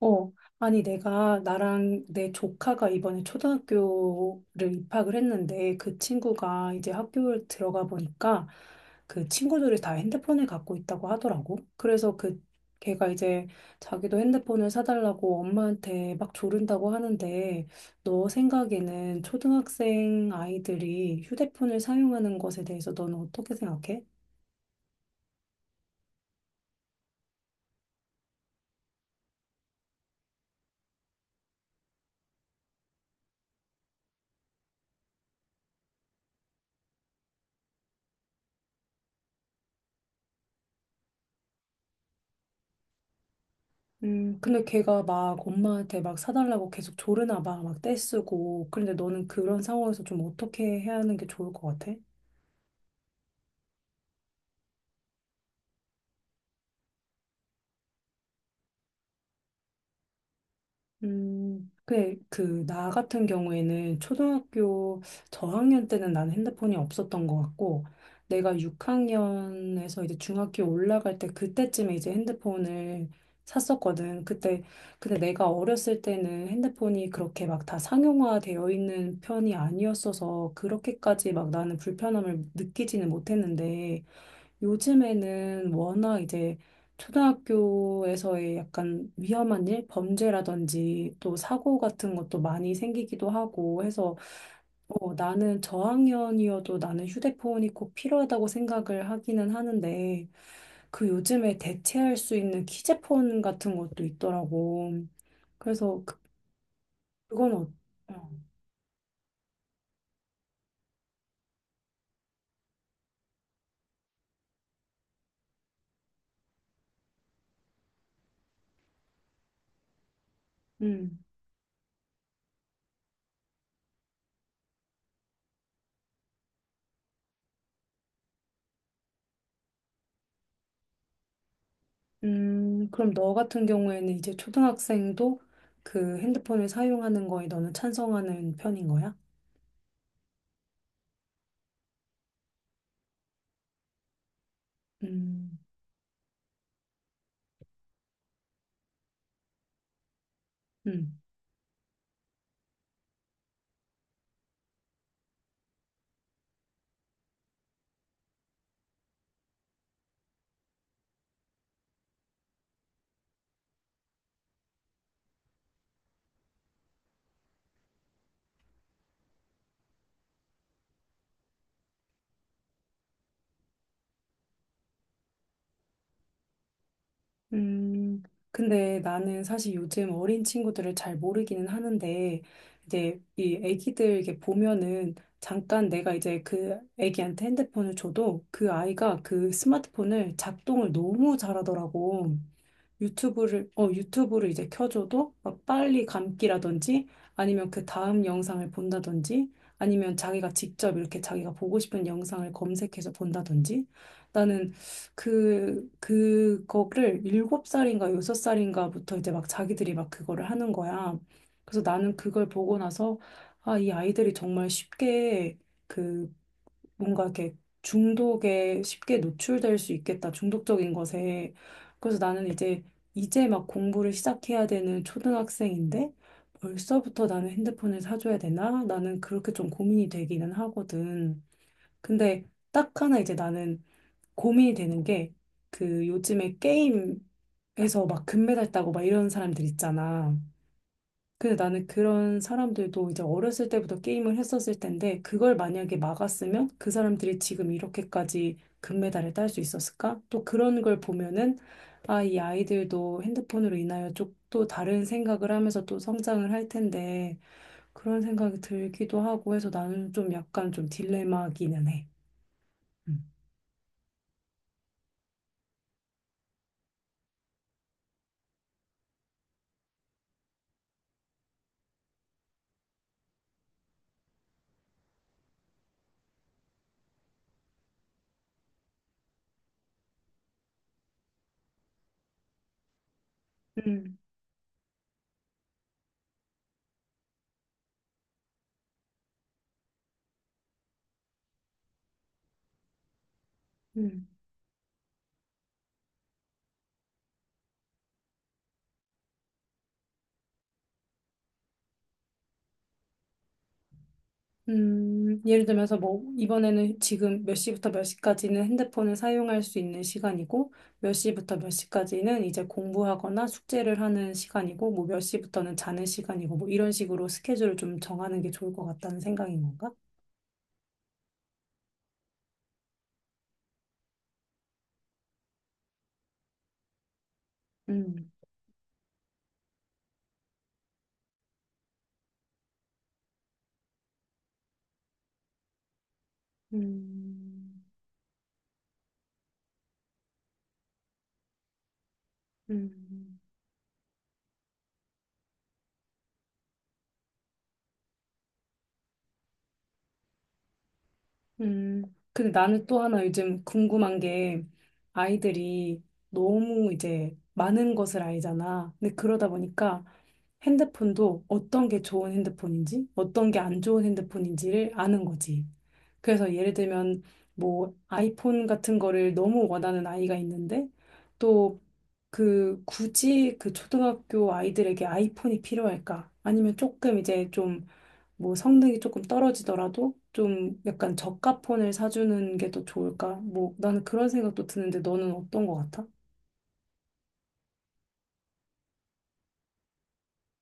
어, 아니, 내가, 나랑 내 조카가 이번에 초등학교를 입학을 했는데, 그 친구가 이제 학교에 들어가 보니까, 그 친구들이 다 핸드폰을 갖고 있다고 하더라고. 그래서 걔가 이제 자기도 핸드폰을 사달라고 엄마한테 막 조른다고 하는데, 너 생각에는 초등학생 아이들이 휴대폰을 사용하는 것에 대해서 너는 어떻게 생각해? 근데 걔가 막 엄마한테 막 사달라고 계속 조르나 봐. 막 떼쓰고. 그런데 너는 그런 상황에서 좀 어떻게 해야 하는 게 좋을 것 같아? 나 같은 경우에는 초등학교 저학년 때는 난 핸드폰이 없었던 것 같고, 내가 6학년에서 이제 중학교 올라갈 때 그때쯤에 이제 핸드폰을 샀었거든. 그때, 근데 내가 어렸을 때는 핸드폰이 그렇게 막 다 상용화되어 있는 편이 아니었어서 그렇게까지 막 나는 불편함을 느끼지는 못했는데, 요즘에는 워낙 이제 초등학교에서의 약간 위험한 일, 범죄라든지 또 사고 같은 것도 많이 생기기도 하고 해서 어, 나는 저학년이어도 나는 휴대폰이 꼭 필요하다고 생각을 하기는 하는데 그 요즘에 대체할 수 있는 키제폰 같은 것도 있더라고. 그래서 그- 그건 어, 어, 음. 그럼 너 같은 경우에는 이제 초등학생도 그 핸드폰을 사용하는 거에 너는 찬성하는 편인 거야? 음, 음, 음. 근데 나는 사실 요즘 어린 친구들을 잘 모르기는 하는데, 이제 이 애기들 이렇게 보면은 잠깐 내가 이제 그 애기한테 핸드폰을 줘도 그 아이가 그 스마트폰을 작동을 너무 잘하더라고. 유튜브를 이제 켜줘도 막 빨리 감기라든지 아니면 그 다음 영상을 본다든지 아니면 자기가 직접 이렇게 자기가 보고 싶은 영상을 검색해서 본다든지 나는 그거를 일곱 살인가 여섯 살인가부터 이제 막 자기들이 막 그거를 하는 거야. 그래서 나는 그걸 보고 나서 아, 이 아이들이 정말 쉽게 그 뭔가 이렇게 중독에 쉽게 노출될 수 있겠다. 중독적인 것에. 그래서 나는 이제 막 공부를 시작해야 되는 초등학생인데 벌써부터 나는 핸드폰을 사줘야 되나? 나는 그렇게 좀 고민이 되기는 하거든. 근데 딱 하나 이제 나는 고민이 되는 게 그 요즘에 게임에서 막 금메달 따고 막 이런 사람들 있잖아. 근데 나는 그런 사람들도 이제 어렸을 때부터 게임을 했었을 텐데, 그걸 만약에 막았으면 그 사람들이 지금 이렇게까지 금메달을 딸 수 있었을까? 또 그런 걸 보면은, 아, 이 아이들도 핸드폰으로 인하여 좀또 다른 생각을 하면서 또 성장을 할 텐데, 그런 생각이 들기도 하고 해서 나는 좀 약간 좀 딜레마기는 해. 음. 음. 음. 예를 들면서 뭐, 이번에는 지금 몇 시부터 몇 시까지는 핸드폰을 사용할 수 있는 시간이고, 몇 시부터 몇 시까지는 이제 공부하거나 숙제를 하는 시간이고, 뭐 몇 시부터는 자는 시간이고, 뭐 이런 식으로 스케줄을 좀 정하는 게 좋을 것 같다는 생각인 건가? 음, 음, 음, 음. 근데 나는 또 하나 요즘 궁금한 게, 아이들이 너무 이제 많은 것을 알잖아. 근데 그러다 보니까, 핸드폰도 어떤 게 좋은 핸드폰인지, 어떤 게 안 좋은 핸드폰인지를 아는 거지. 그래서 예를 들면 뭐 아이폰 같은 거를 너무 원하는 아이가 있는데 또 그 굳이 그 초등학교 아이들에게 아이폰이 필요할까? 아니면 조금 이제 좀 뭐 성능이 조금 떨어지더라도 좀 약간 저가 폰을 사주는 게 더 좋을까? 뭐 나는 그런 생각도 드는데 너는 어떤 거 같아?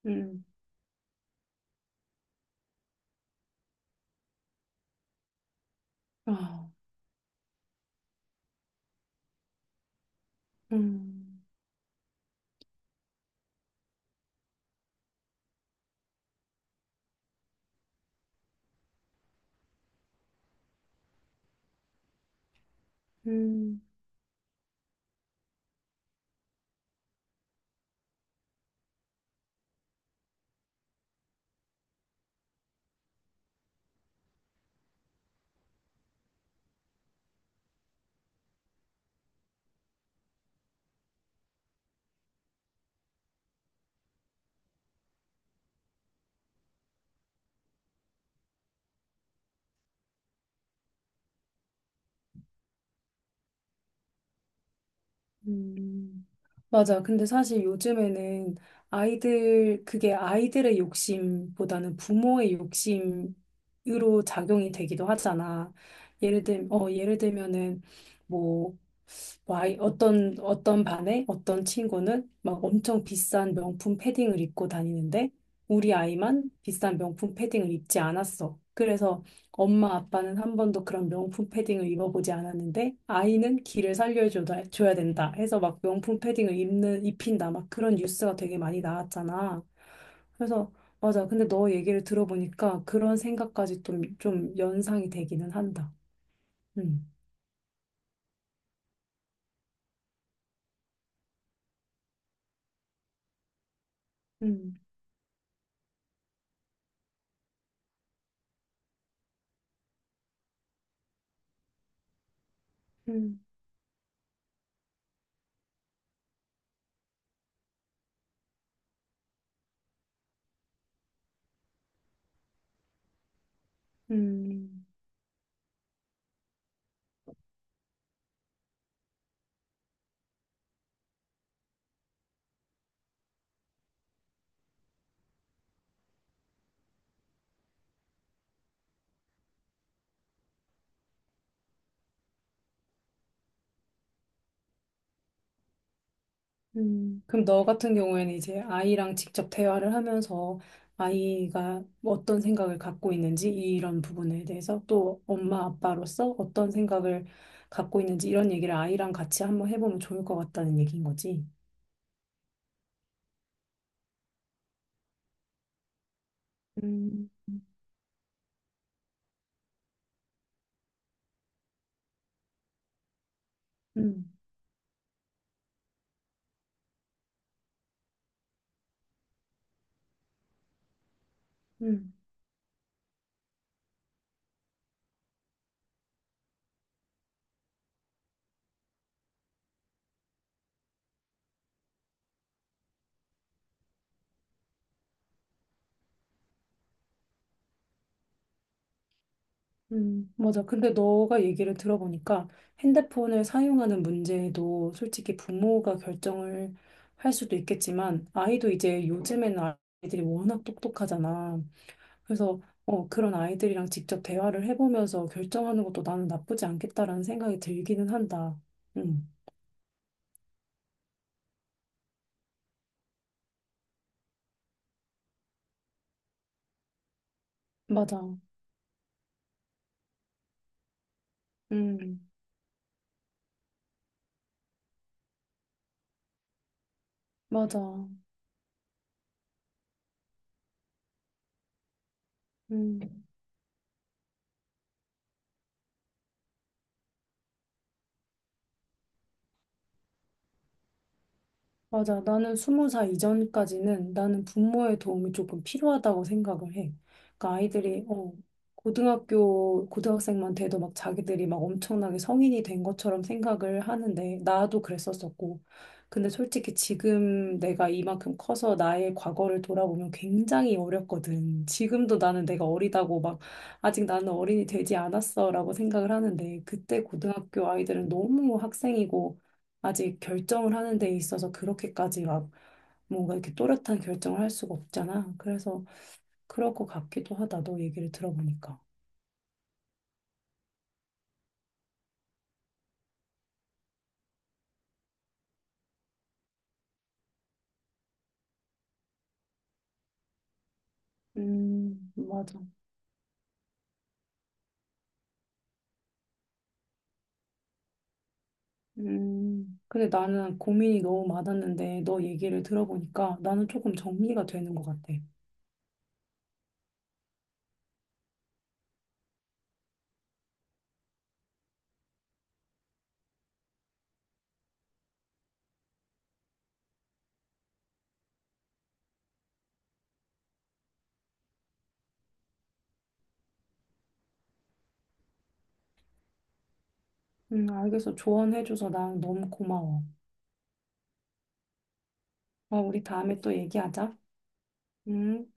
음. 아, 음, 음. 음. 맞아. 근데 사실 요즘에는 아이들, 그게 아이들의 욕심보다는 부모의 욕심으로 작용이 되기도 하잖아. 예를 들면은, 뭐, 와, 어떤 반에 어떤 친구는 막 엄청 비싼 명품 패딩을 입고 다니는데 우리 아이만 비싼 명품 패딩을 입지 않았어. 그래서 엄마 아빠는 한 번도 그런 명품 패딩을 입어보지 않았는데 아이는 길을 살려줘야 줘야 된다 해서 막 명품 패딩을 입는, 입힌다 막 그런 뉴스가 되게 많이 나왔잖아. 그래서 맞아. 근데 너 얘기를 들어보니까 그런 생각까지 좀 연상이 되기는 한다. 음. 음. 음. 음. 그럼 너 같은 경우에는 이제 아이랑 직접 대화를 하면서 아이가 어떤 생각을 갖고 있는지 이런 부분에 대해서 또 엄마 아빠로서 어떤 생각을 갖고 있는지 이런 얘기를 아이랑 같이 한번 해보면 좋을 것 같다는 얘기인 거지. 음, 음, 음, 맞아. 근데 너가 얘기를 들어보니까 핸드폰을 사용하는 문제도 솔직히 부모가 결정을 할 수도 있겠지만 아이도 이제 요즘에는 아이들이 워낙 똑똑하잖아. 그래서 어, 그런 아이들이랑 직접 대화를 해보면서 결정하는 것도 나는 나쁘지 않겠다라는 생각이 들기는 한다. 음, 맞아. 음, 맞아. 음. 맞아. 나는 20살 이전까지는 나는 부모의 도움이 조금 필요하다고 생각을 해. 그러니까 아이들이 고등학교 고등학생만 돼도 막 자기들이 막 엄청나게 성인이 된 것처럼 생각을 하는데 나도 그랬었었고. 근데 솔직히 지금 내가 이만큼 커서 나의 과거를 돌아보면 굉장히 어렸거든. 지금도 나는 내가 어리다고 막 아직 나는 어린이 되지 않았어라고 생각을 하는데 그때 고등학교 아이들은 너무 학생이고 아직 결정을 하는 데 있어서 그렇게까지 막 뭔가 이렇게 또렷한 결정을 할 수가 없잖아. 그래서 그럴 것 같기도 하다. 너 얘기를 들어보니까. 맞아. 근데 나는 고민이 너무 많았는데 너 얘기를 들어보니까 나는 조금 정리가 되는 것 같아. 알겠어. 조언해줘서 난 너무 고마워. 어, 우리 다음에 또 얘기하자. 음.